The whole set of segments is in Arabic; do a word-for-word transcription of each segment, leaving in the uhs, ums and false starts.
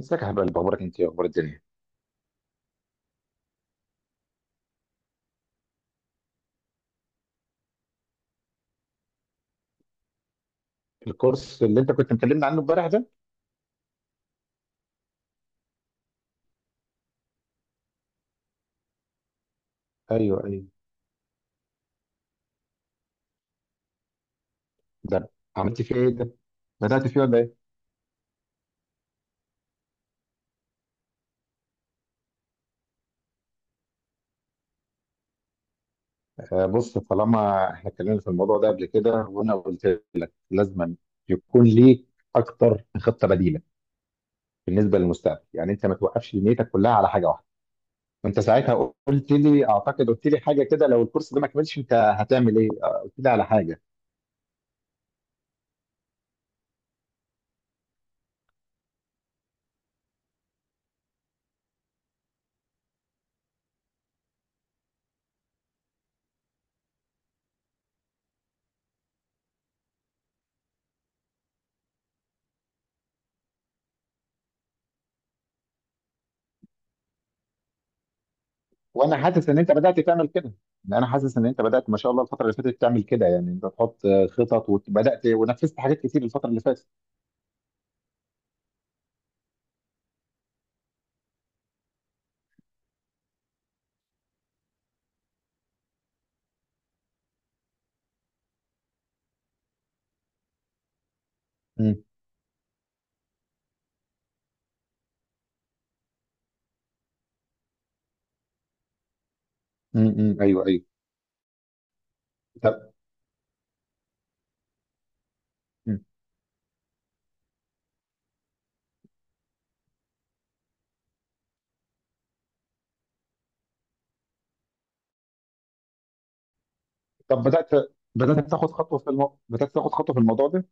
ازيك يا حبيبي، اخبارك انت إيه؟ اخبار الدنيا؟ الكورس اللي انت كنت مكلمنا عنه امبارح ده. ايوه ايوه. ده عملت فيه ايه؟ ده بدأت فيه ولا ايه؟ آه بص، طالما احنا اتكلمنا في الموضوع ده قبل كده وانا قلت لك لازم يكون ليك اكتر من خطه بديله بالنسبه للمستقبل، يعني انت ما توقفش نيتك كلها على حاجه واحده. وانت ساعتها قلت لي، اعتقد قلت لي حاجه كده، لو الكورس ده ما كملش انت هتعمل ايه، آه، قلت لي على حاجه. وانا حاسس ان انت بدات تعمل كده إن انا حاسس ان انت بدات، ما شاء الله الفتره اللي فاتت، تعمل كده، يعني انت تحط آه، خطط، وبدات ونفذت حاجات كتير الفتره اللي فاتت. امم. امم ايوه ايوه. طب مم. طب بدات بدات تاخد خطوه في المو... بدات تاخد خطوه في الموضوع ده.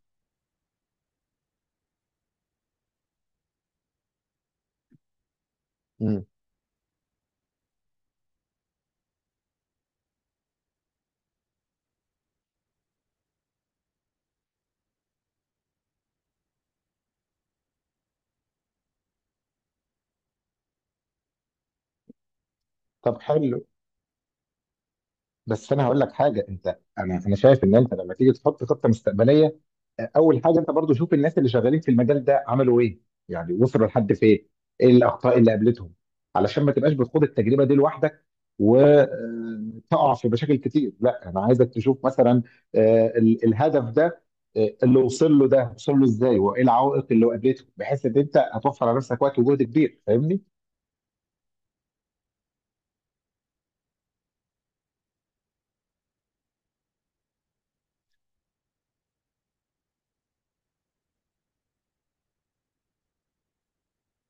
امم. طب حلو، بس انا هقول لك حاجه. انت، انا انا شايف ان انت لما تيجي تحط خطه مستقبليه، آه، اول حاجه انت برضو شوف الناس اللي شغالين في المجال ده عملوا ايه، يعني وصلوا لحد فين، ايه الاخطاء اللي قابلتهم، علشان ما تبقاش بتخوض التجربه دي لوحدك وتقع في مشاكل كتير. لا انا عايزك تشوف مثلا آه، ال- الهدف ده، آه، اللي وصل له ده وصل له ازاي وايه العوائق اللي قابلته، بحيث ان انت هتوفر على نفسك وقت وجهد كبير. فاهمني؟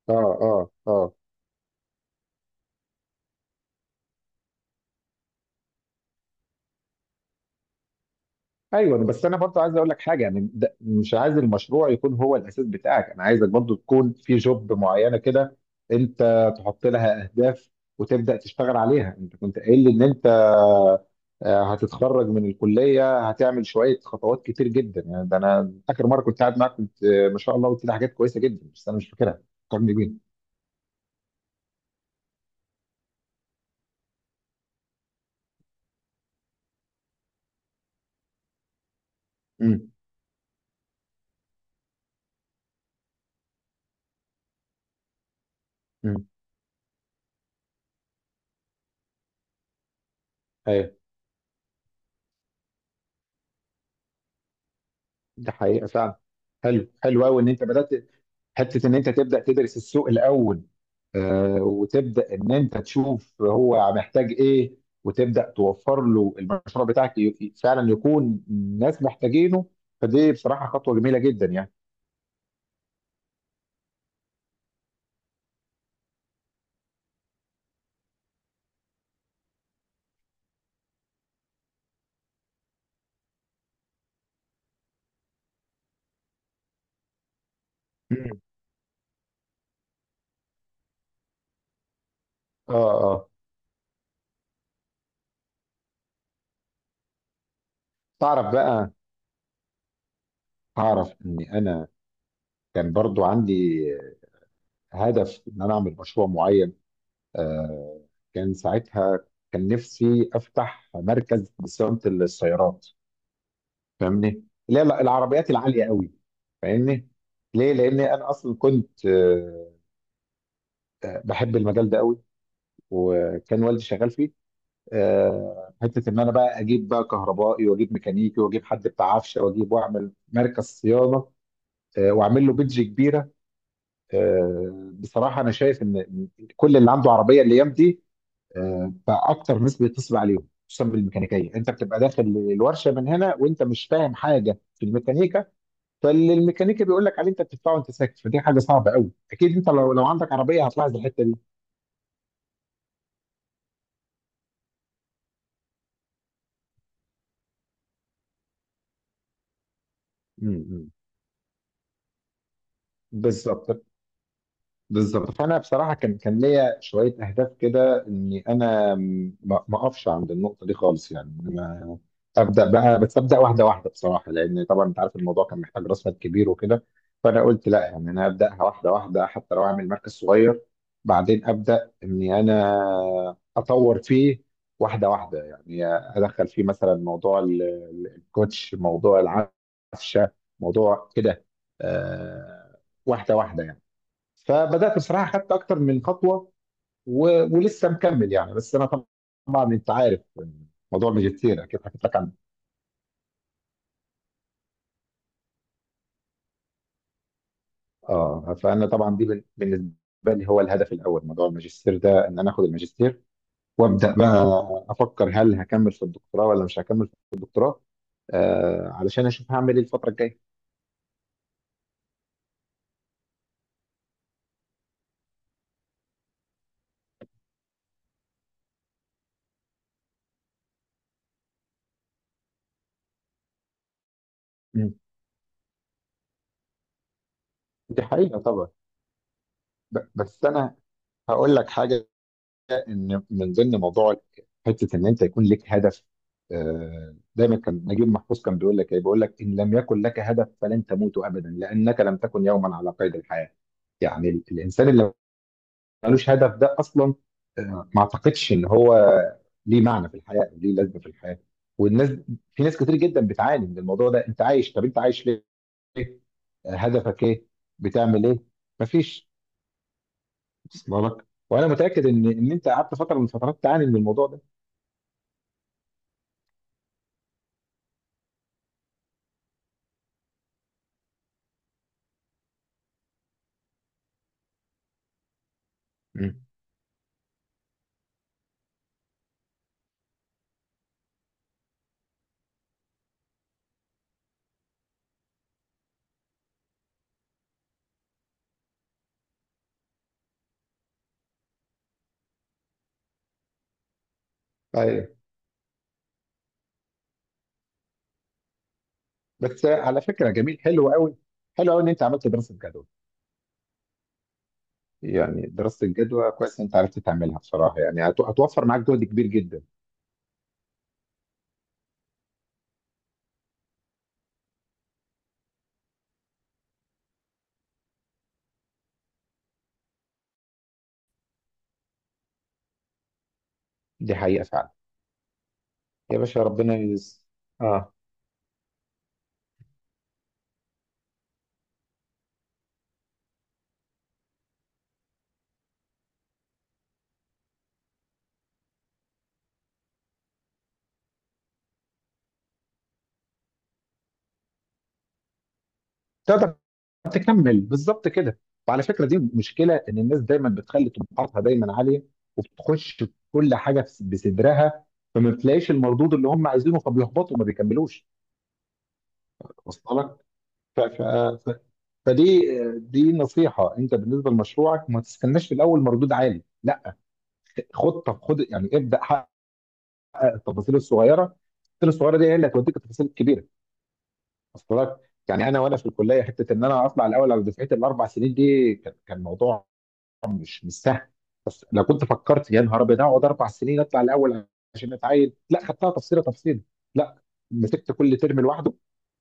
اه اه اه. ايوه، بس انا برضو عايز اقول لك حاجه. يعني ده مش عايز المشروع يكون هو الاساس بتاعك، انا عايزك برضو تكون في جوب معينه كده انت تحط لها اهداف وتبدا تشتغل عليها. انت كنت قايل لي ان انت آه، هتتخرج من الكليه هتعمل شويه خطوات كتير جدا. يعني ده انا اخر مره كنت قاعد معاك كنت آه، ما شاء الله قلت لي حاجات كويسه جدا بس انا مش فاكرها، فكرني بيها. امم. امم ايوه. ده حقيقه فعلا. حلو، حلو قوي ان انت بدات حته ان انت تبدا تدرس السوق الاول. آه، وتبدا ان انت تشوف هو محتاج ايه وتبدا توفر له المشروع بتاعك ي- ي- فعلا يكون الناس محتاجينه. فدي بصراحه خطوه جميله جدا يعني. مم. اه اه. تعرف بقى، تعرف ان انا كان برضو عندي هدف ان انا اعمل مشروع معين. آه كان ساعتها كان نفسي افتح مركز لصيانه السيارات، فاهمني؟ لا لا، العربيات العاليه قوي. فاهمني؟ ليه؟ لان انا اصلا كنت آه، آه، بحب المجال ده قوي وكان والدي شغال فيه. آه، حته ان انا بقى اجيب بقى كهربائي واجيب ميكانيكي واجيب حد بتاع عفشه واجيب واعمل مركز صيانه، آه، واعمل له بيدج كبيره. آه، بصراحه انا شايف ان كل اللي عنده عربيه الايام دي آه، بقى اكتر ناس بيتصل عليهم، خصوصا بالميكانيكيه. انت بتبقى داخل الورشه من هنا وانت مش فاهم حاجه في الميكانيكا، فالميكانيكي بيقول لك عليه انت بتدفعه وانت ساكت. فدي حاجه صعبه قوي، اكيد انت لو لو عندك عربيه هتلاحظ الحته دي. امم. بالظبط، بالظبط. فانا بصراحه كان كان ليا شويه اهداف كده، اني انا م- ما ما اقفش عند النقطه دي خالص يعني. ابدا بقى، بس ابدا واحده واحده بصراحه، لان طبعا انت عارف الموضوع كان محتاج راس مال كبير وكده. فانا قلت لا، يعني انا ابداها واحده واحده، حتى لو اعمل مركز صغير بعدين ابدا اني انا اطور فيه واحده واحده. يعني ادخل فيه مثلا موضوع ال- ال- الكوتش، موضوع العفشه، موضوع كده، آه، واحده واحده يعني. فبدات بصراحه خدت اكتر من خطوه و- ولسه مكمل يعني. بس انا طبعا انت عارف موضوع الماجستير اكيد حكيت لك عن اه، فانا طبعا دي بال- بالنسبه لي هو الهدف الاول، موضوع الماجستير ده ان انا اخد الماجستير وابدا بقى افكر هل هكمل في الدكتوراه ولا مش هكمل في الدكتوراه، آه علشان اشوف هعمل ايه الفتره الجايه. مم. دي حقيقه طبعا. ب- بس انا هقول لك حاجه، ان من ضمن موضوع حته ان انت يكون لك هدف. آه دايما كان نجيب محفوظ كان بيقول لك ايه؟ بيقول لك: ان لم يكن لك هدف فلن تموت ابدا، لانك لم تكن يوما على قيد الحياه. يعني ال- الانسان اللي ملوش هدف ده اصلا، آه، ما اعتقدش ان هو ليه معنى في الحياه او ليه لازمه في الحياه. والناس، في ناس كتير جدا بتعاني من الموضوع ده. انت عايش، طب انت عايش ليه؟ آه، هدفك ايه؟ بتعمل ايه؟ مفيش. وصل لك؟ وانا متاكد ان ان انت قعدت فتره من الفترات تعاني من الموضوع ده. مم. طيب، بس على فكره جميل، حلو قوي، حلو قوي ان انت عملت دراسه جدوى. يعني دراسه الجدوى كويس إن انت عرفت تعملها بصراحه، يعني هت- هتوفر معاك جهد كبير جدا. دي حقيقه فعلا. يا باشا ربنا يس... اه، تقدر تكمل بالظبط كده. وعلى فكره، دي مشكله ان الناس دايما بتخلي طموحاتها دايما عاليه وبتخش في كل حاجه بس- بصدرها، فما بتلاقيش المردود اللي هم عايزينه فبيحبطوا وما بيكملوش. واصله لك؟ ف... ف... ف... فدي دي نصيحه: انت بالنسبه لمشروعك ما تستناش في الاول مردود عالي، لا. خد خد، يعني ابدا حقق التفاصيل الصغيره. التفاصيل الصغيره دي هي اللي هتوديك التفاصيل الكبيره. واصله لك؟ يعني انا وانا في الكليه، حته ان انا اطلع الاول على دفعتي الاربع سنين دي، كان كان موضوع مش مش سهل. بس لو كنت فكرت يا نهار ابيض اقعد اربع سنين اطلع الاول عشان اتعين، لا، خدتها تفصيله تفصيله. لا، مسكت كل ترم لوحده.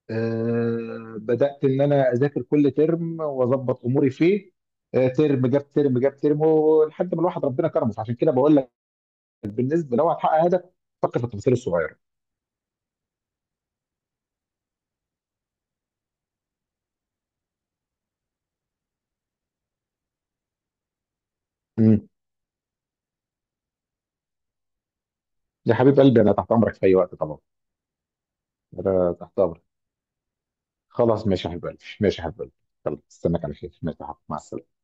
آه بدات ان انا اذاكر كل ترم واظبط اموري فيه. آه ترم جاب ترم جاب ترم، ولحد ما الواحد ربنا كرمه. فعشان كده بقول لك، بالنسبه لو هتحقق هدف فكر في التفاصيل الصغيره. امم. يا حبيب قلبي انا تحت امرك في اي وقت طبعا. انا تحت امرك. خلاص، ماشي يا حبيب قلبي، ماشي يا حبيب قلبي. يلا استناك على خير. ماشي يا حبيبي. مع السلامه.